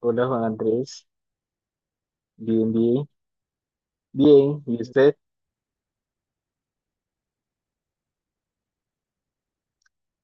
Hola Juan Andrés, bien, bien, bien. Y usted,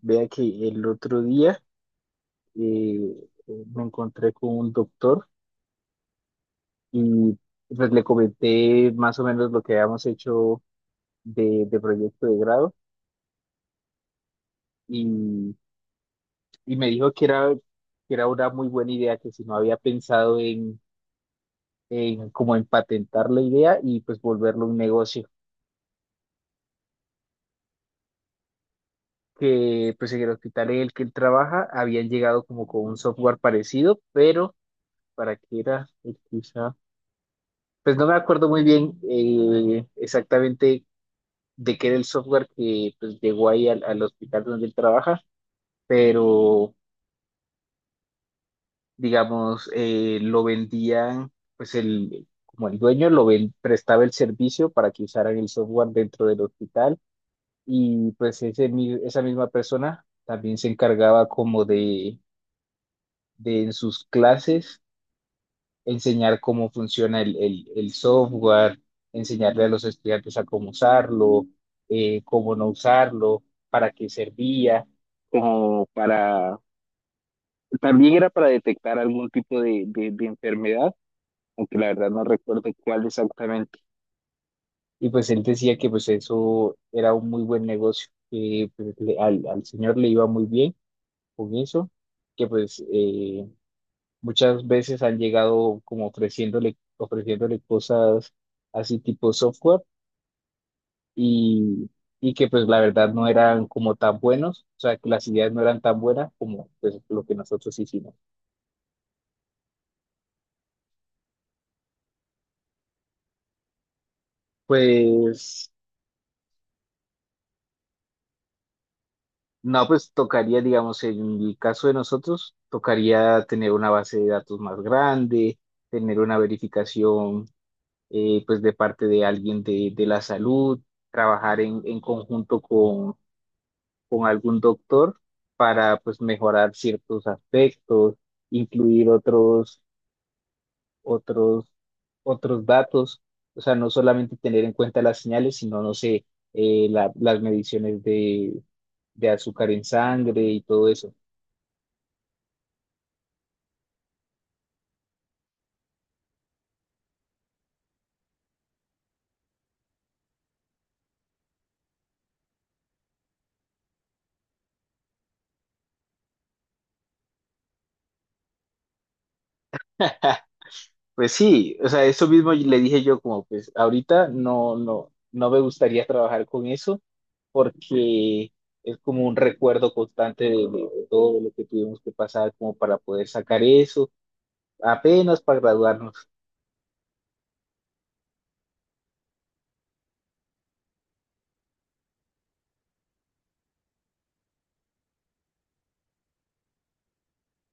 vea que el otro día me encontré con un doctor y pues le comenté más o menos lo que habíamos hecho de proyecto de grado y, y me dijo que era una muy buena idea, que si no había pensado en como en patentar la idea y pues volverlo un negocio. Que pues en el hospital en el que él trabaja habían llegado como con un software parecido, pero para qué era. Quizá. Pues no me acuerdo muy bien exactamente de qué era el software que pues llegó ahí al hospital donde él trabaja, pero digamos, lo vendían, pues el, como el dueño prestaba el servicio para que usaran el software dentro del hospital. Y pues esa misma persona también se encargaba como de en sus clases enseñar cómo funciona el software, enseñarle a los estudiantes a cómo usarlo, cómo no usarlo, para qué servía, como para, también era para detectar algún tipo de enfermedad, aunque la verdad no recuerdo cuál exactamente. Y pues él decía que pues eso era un muy buen negocio, que pues, al señor le iba muy bien con eso, que pues... muchas veces han llegado como ofreciéndole cosas así tipo software y, y que pues la verdad no eran como tan buenos, o sea, que las ideas no eran tan buenas como pues lo que nosotros hicimos. Pues no, pues tocaría, digamos, en el caso de nosotros, tocaría tener una base de datos más grande, tener una verificación, pues de parte de alguien de la salud, trabajar en conjunto con algún doctor para pues mejorar ciertos aspectos, incluir otros, otros datos, o sea, no solamente tener en cuenta las señales, sino, no sé, las mediciones de azúcar en sangre y todo eso. Pues sí, o sea, eso mismo le dije yo como pues ahorita no, no, no me gustaría trabajar con eso porque es como un recuerdo constante de todo lo que tuvimos que pasar como para poder sacar eso apenas para graduarnos,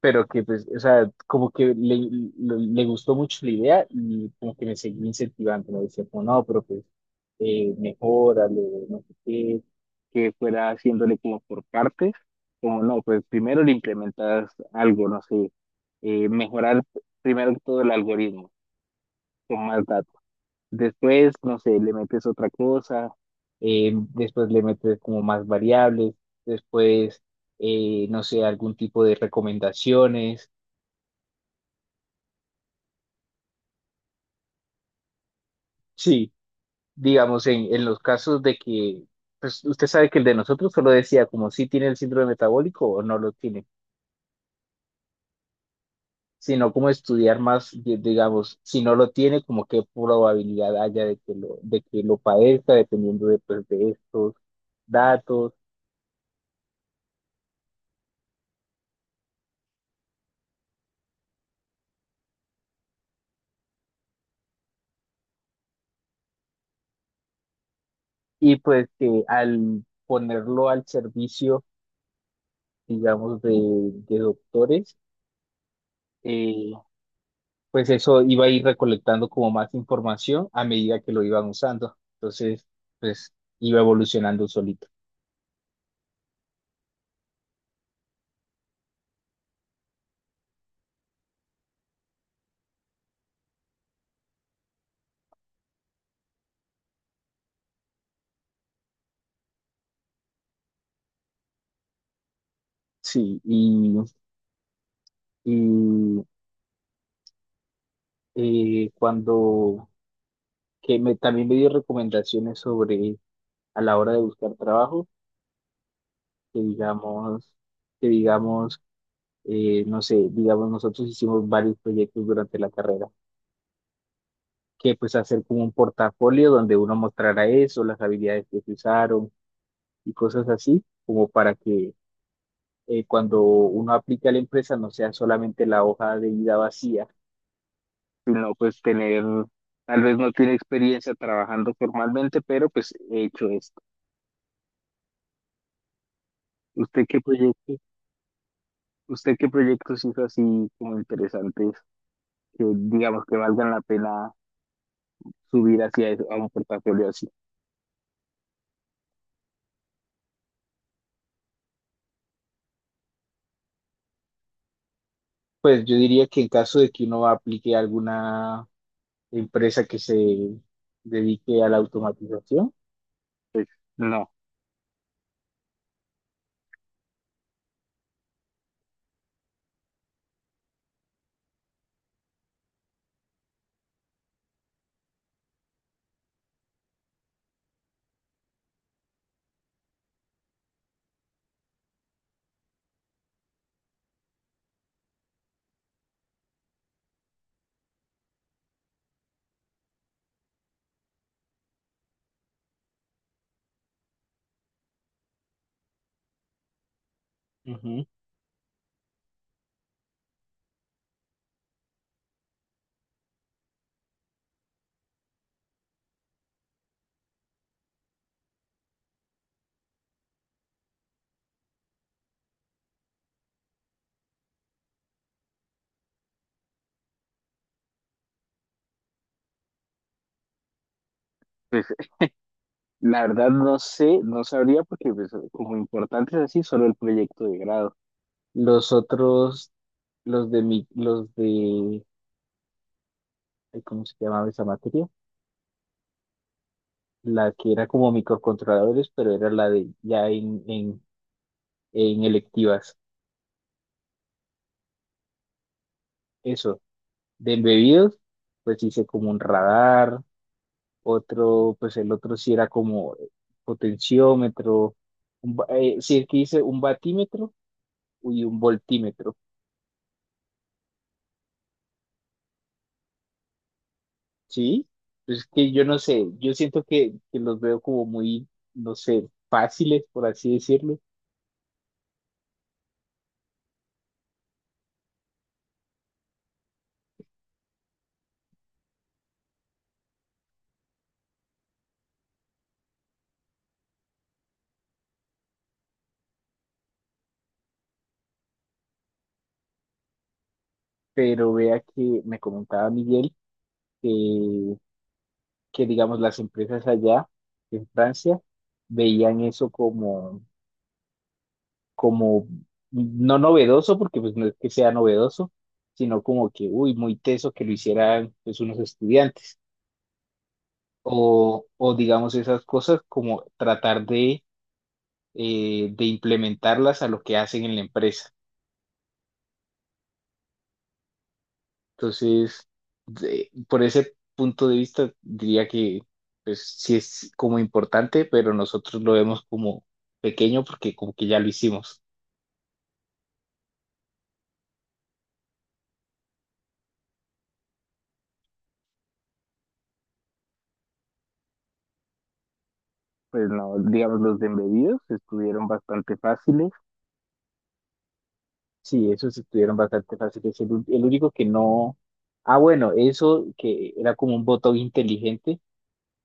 pero que pues, o sea, como que le gustó mucho la idea y como que me seguí incentivando, me decía como, no, pero pues, mejórale, no sé qué, que fuera haciéndole como por partes, como no, pues primero le implementas algo, no sé, mejorar primero que todo el algoritmo, con más datos. Después, no sé, le metes otra cosa, después le metes como más variables, después, no sé, algún tipo de recomendaciones. Sí, digamos, en los casos de que, pues usted sabe que el de nosotros solo decía como si tiene el síndrome metabólico o no lo tiene, sino como estudiar más, digamos, si no lo tiene, como qué probabilidad haya de que de que lo padezca, dependiendo de, pues, de estos datos. Y pues que al ponerlo al servicio, digamos, de doctores, eh, pues eso iba a ir recolectando como más información a medida que lo iban usando. Entonces, pues iba evolucionando solito. Sí, y cuando también me dio recomendaciones sobre a la hora de buscar trabajo, que digamos, que digamos, no sé, digamos, nosotros hicimos varios proyectos durante la carrera, que pues hacer como un portafolio donde uno mostrara eso, las habilidades que se usaron y cosas así, como para que cuando uno aplica a la empresa no sea solamente la hoja de vida vacía, sino pues tener, tal vez no tiene experiencia trabajando formalmente, pero pues he hecho esto. ¿Usted qué proyecto, ¿usted qué proyectos hizo así como interesantes que digamos que valgan la pena subir hacia eso, a un portafolio así? Pues yo diría que en caso de que uno aplique alguna empresa que se dedique a la automatización. No. Ujú. Pues la verdad no sé, no sabría porque pues, como importante es así, solo el proyecto de grado. Los otros, los de, ay, ¿cómo se llamaba esa materia? La que era como microcontroladores, pero era la de ya en electivas. Eso, de embebidos, pues hice como un radar, otro, pues el otro sí era como potenciómetro, sí, el que dice un batímetro y un voltímetro, ¿sí? Pues es que yo no sé, yo siento que los veo como muy, no sé, fáciles, por así decirlo, pero vea que me comentaba Miguel que, que digamos, las empresas allá en Francia veían eso como como no novedoso, porque pues no es que sea novedoso, sino como que, uy, muy teso que lo hicieran pues unos estudiantes. O digamos esas cosas como tratar de implementarlas a lo que hacen en la empresa. Entonces, por ese punto de vista, diría que pues sí es como importante, pero nosotros lo vemos como pequeño porque como que ya lo hicimos. Pues no, digamos, los de embebidos estuvieron bastante fáciles. Sí, esos estuvieron bastante fáciles. El único que no. Ah, bueno, eso que era como un botón inteligente,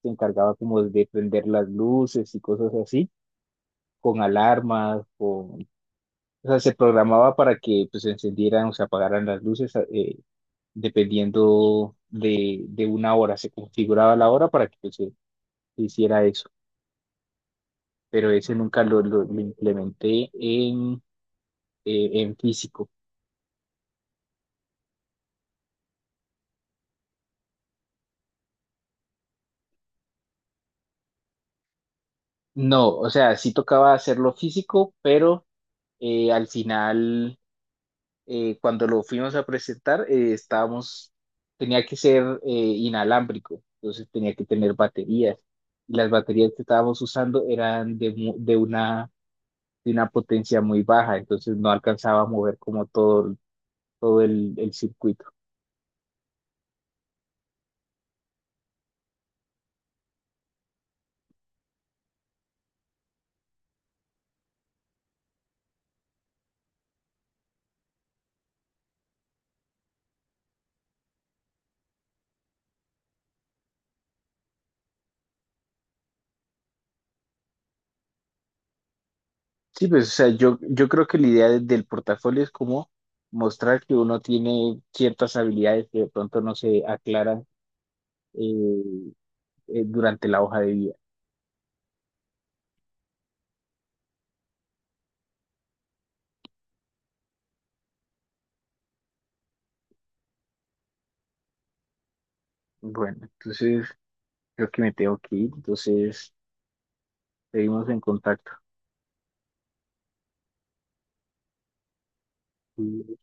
se encargaba como de prender las luces y cosas así, con alarmas, con... O sea, se programaba para que pues se encendieran o se apagaran las luces dependiendo de una hora. Se configuraba la hora para que pues, se hiciera eso. Pero ese nunca lo implementé en físico. No, o sea, sí tocaba hacerlo físico, pero al final, cuando lo fuimos a presentar, tenía que ser inalámbrico, entonces tenía que tener baterías. Y las baterías que estábamos usando eran de una potencia muy baja, entonces no alcanzaba a mover como todo, todo el circuito. Sí, pues, o sea, yo creo que la idea del portafolio es como mostrar que uno tiene ciertas habilidades que de pronto no se aclaran eh, durante la hoja de vida. Bueno, entonces creo que me tengo que ir, entonces seguimos en contacto. Mm.